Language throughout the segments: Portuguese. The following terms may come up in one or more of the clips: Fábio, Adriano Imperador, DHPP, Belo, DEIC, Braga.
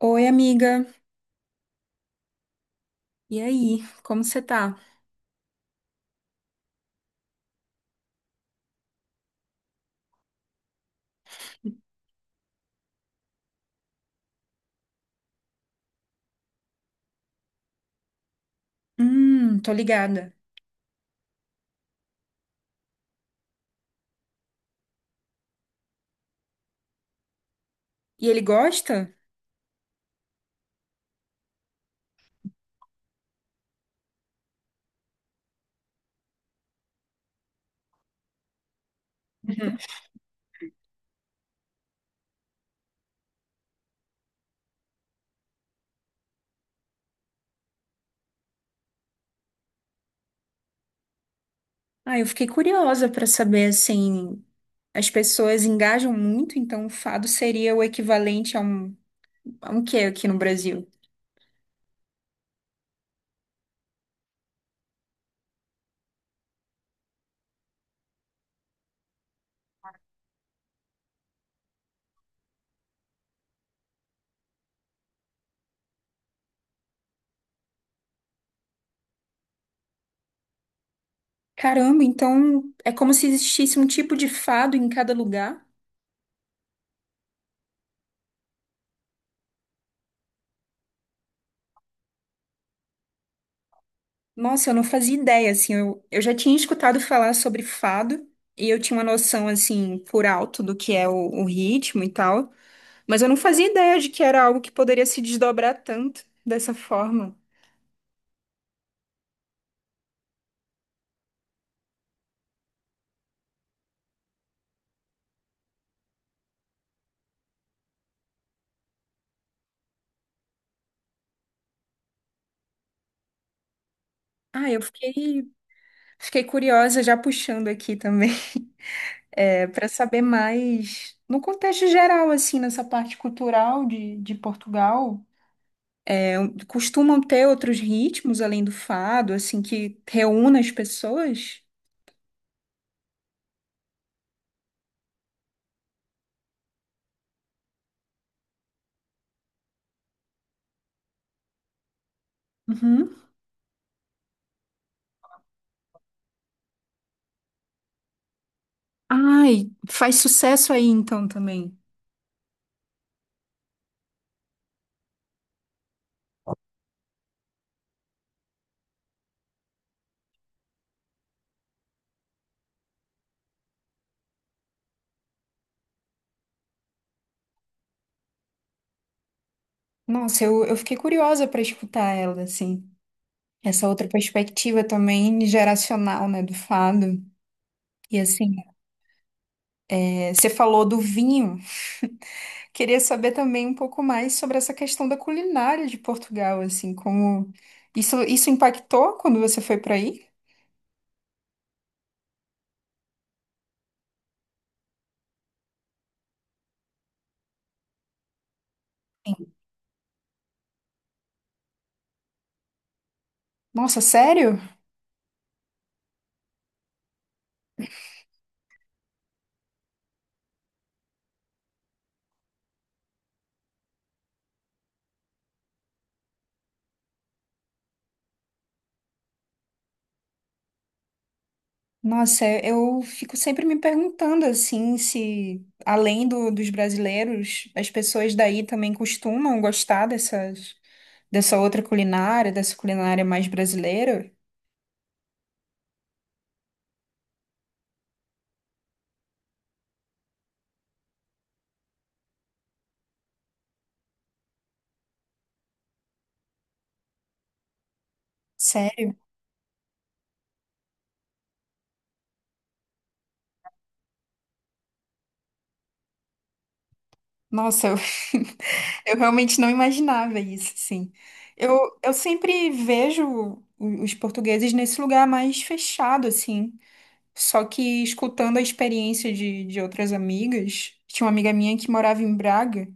Oi, amiga. E aí, como você tá? Tô ligada. E ele gosta? Uhum. Ah, eu fiquei curiosa pra saber, assim, as pessoas engajam muito, então o fado seria o equivalente a um quê aqui no Brasil? Caramba, então é como se existisse um tipo de fado em cada lugar? Nossa, eu não fazia ideia, assim, eu já tinha escutado falar sobre fado, e eu tinha uma noção, assim, por alto do que é o ritmo e tal, mas eu não fazia ideia de que era algo que poderia se desdobrar tanto dessa forma. Ah, eu fiquei, Fiquei curiosa, já puxando aqui também, é, para saber mais no contexto geral, assim, nessa parte cultural de Portugal. Costumam ter outros ritmos além do fado, assim, que reúna as pessoas? Uhum. Ai, faz sucesso aí então também. Nossa, eu fiquei curiosa para escutar ela, assim. Essa outra perspectiva também geracional, né, do fado. E assim, é, você falou do vinho. Queria saber também um pouco mais sobre essa questão da culinária de Portugal, assim, como isso impactou quando você foi para aí? Nossa, sério? Nossa, é- eu fico sempre me perguntando assim se além do- dos brasileiros, as pessoas daí também costumam gostar dessas, dessa outra culinária, dessa culinária mais brasileira. Sério? Nossa, eu, eu realmente não imaginava isso, sim. Eu sempre vejo os portugueses nesse lugar mais fechado, assim. Só que escutando a experiência de outras amigas, tinha uma amiga minha que morava em Braga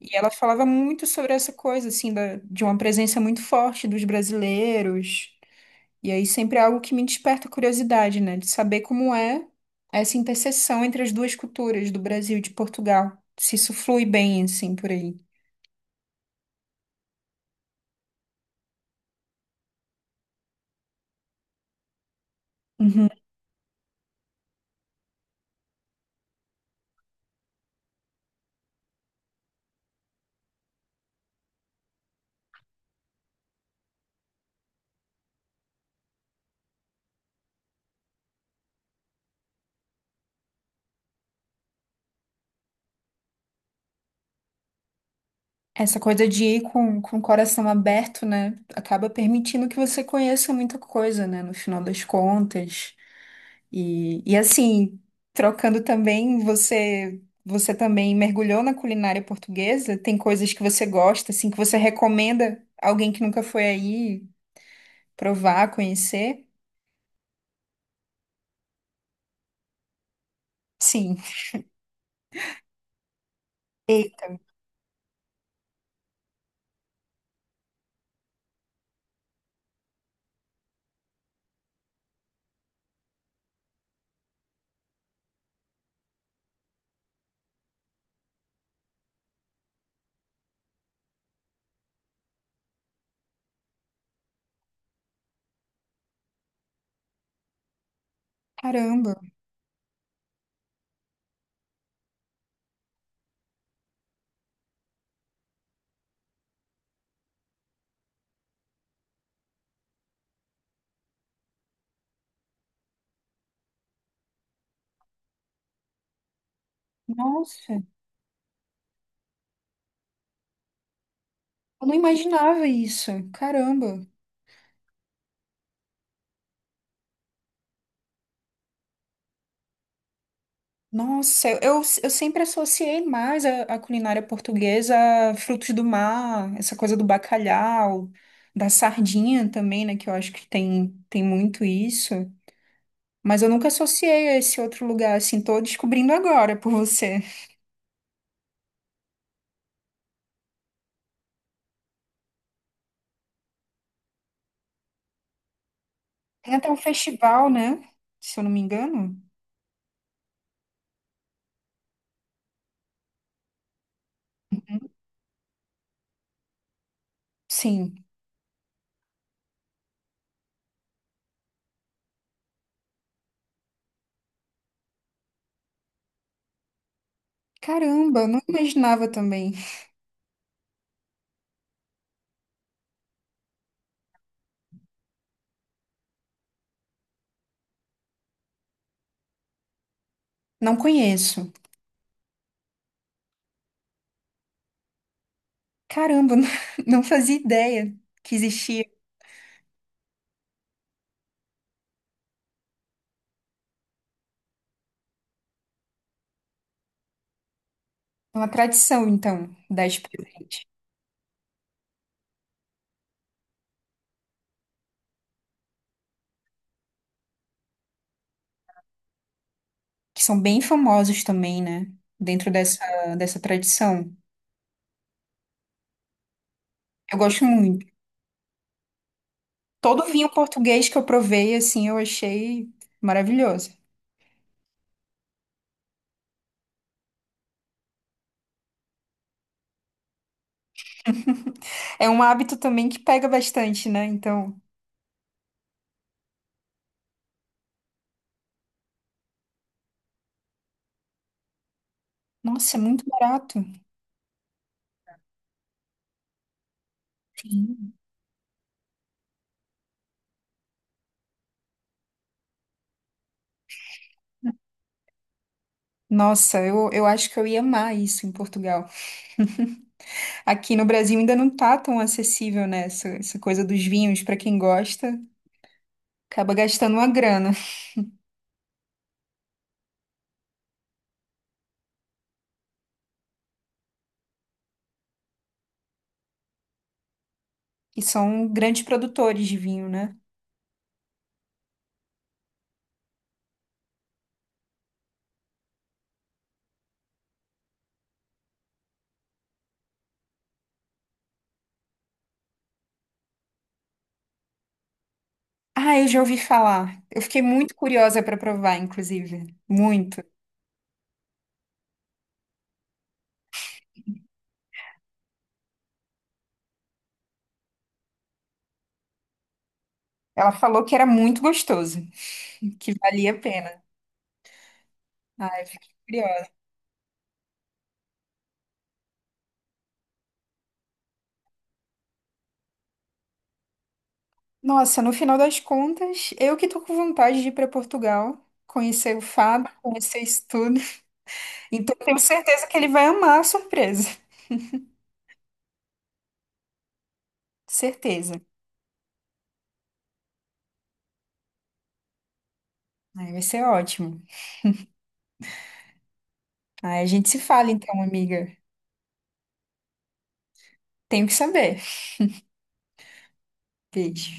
e ela falava muito sobre essa coisa, assim, da, de uma presença muito forte dos brasileiros e aí sempre é algo que me desperta curiosidade, né? De saber como é essa interseção entre as duas culturas do Brasil e de Portugal. Se isso flui bem, assim, por aí. Uhum. Essa coisa de ir com o coração aberto, né? Acaba permitindo que você conheça muita coisa, né? No final das contas. E assim, trocando também, você. Você também mergulhou na culinária portuguesa? Tem coisas que você gosta, assim, que você recomenda alguém que nunca foi aí provar, conhecer? Sim. E, caramba, nossa, eu não imaginava isso. Caramba, nossa, eu sempre associei mais a culinária portuguesa a frutos do mar, essa coisa do bacalhau, da sardinha também, né? Que eu acho que tem, tem muito isso. Mas eu nunca associei a esse outro lugar, assim, tô descobrindo agora por você. Tem até um festival, né? Se eu não me engano. Sim. Caramba, eu não imaginava também. Não conheço. Caramba, não fazia ideia que existia uma tradição, então, dar de presente. Que são bem famosos também, né? Dentro dessa, dessa tradição. Eu gosto muito. Todo vinho português que eu provei, assim, eu achei maravilhoso. É um hábito também que pega bastante, né? Então, nossa, é muito barato. Sim. Nossa, eu acho que eu ia amar isso em Portugal. Aqui no Brasil ainda não tá tão acessível, né? Essa coisa dos vinhos, para quem gosta. Acaba gastando uma grana. E são grandes produtores de vinho, né? Ah, eu já ouvi falar. Eu fiquei muito curiosa para provar, inclusive. Muito. Ela falou que era muito gostoso, que valia a pena. Ah, eu fiquei curiosa. Nossa, no final das contas, eu que tô com vontade de ir para Portugal, conhecer o Fábio, conhecer isso tudo. Então, eu tenho certeza que ele vai amar a surpresa. Certeza. Aí vai ser ótimo. Aí a gente se fala então, amiga. Tenho que saber. Beijo.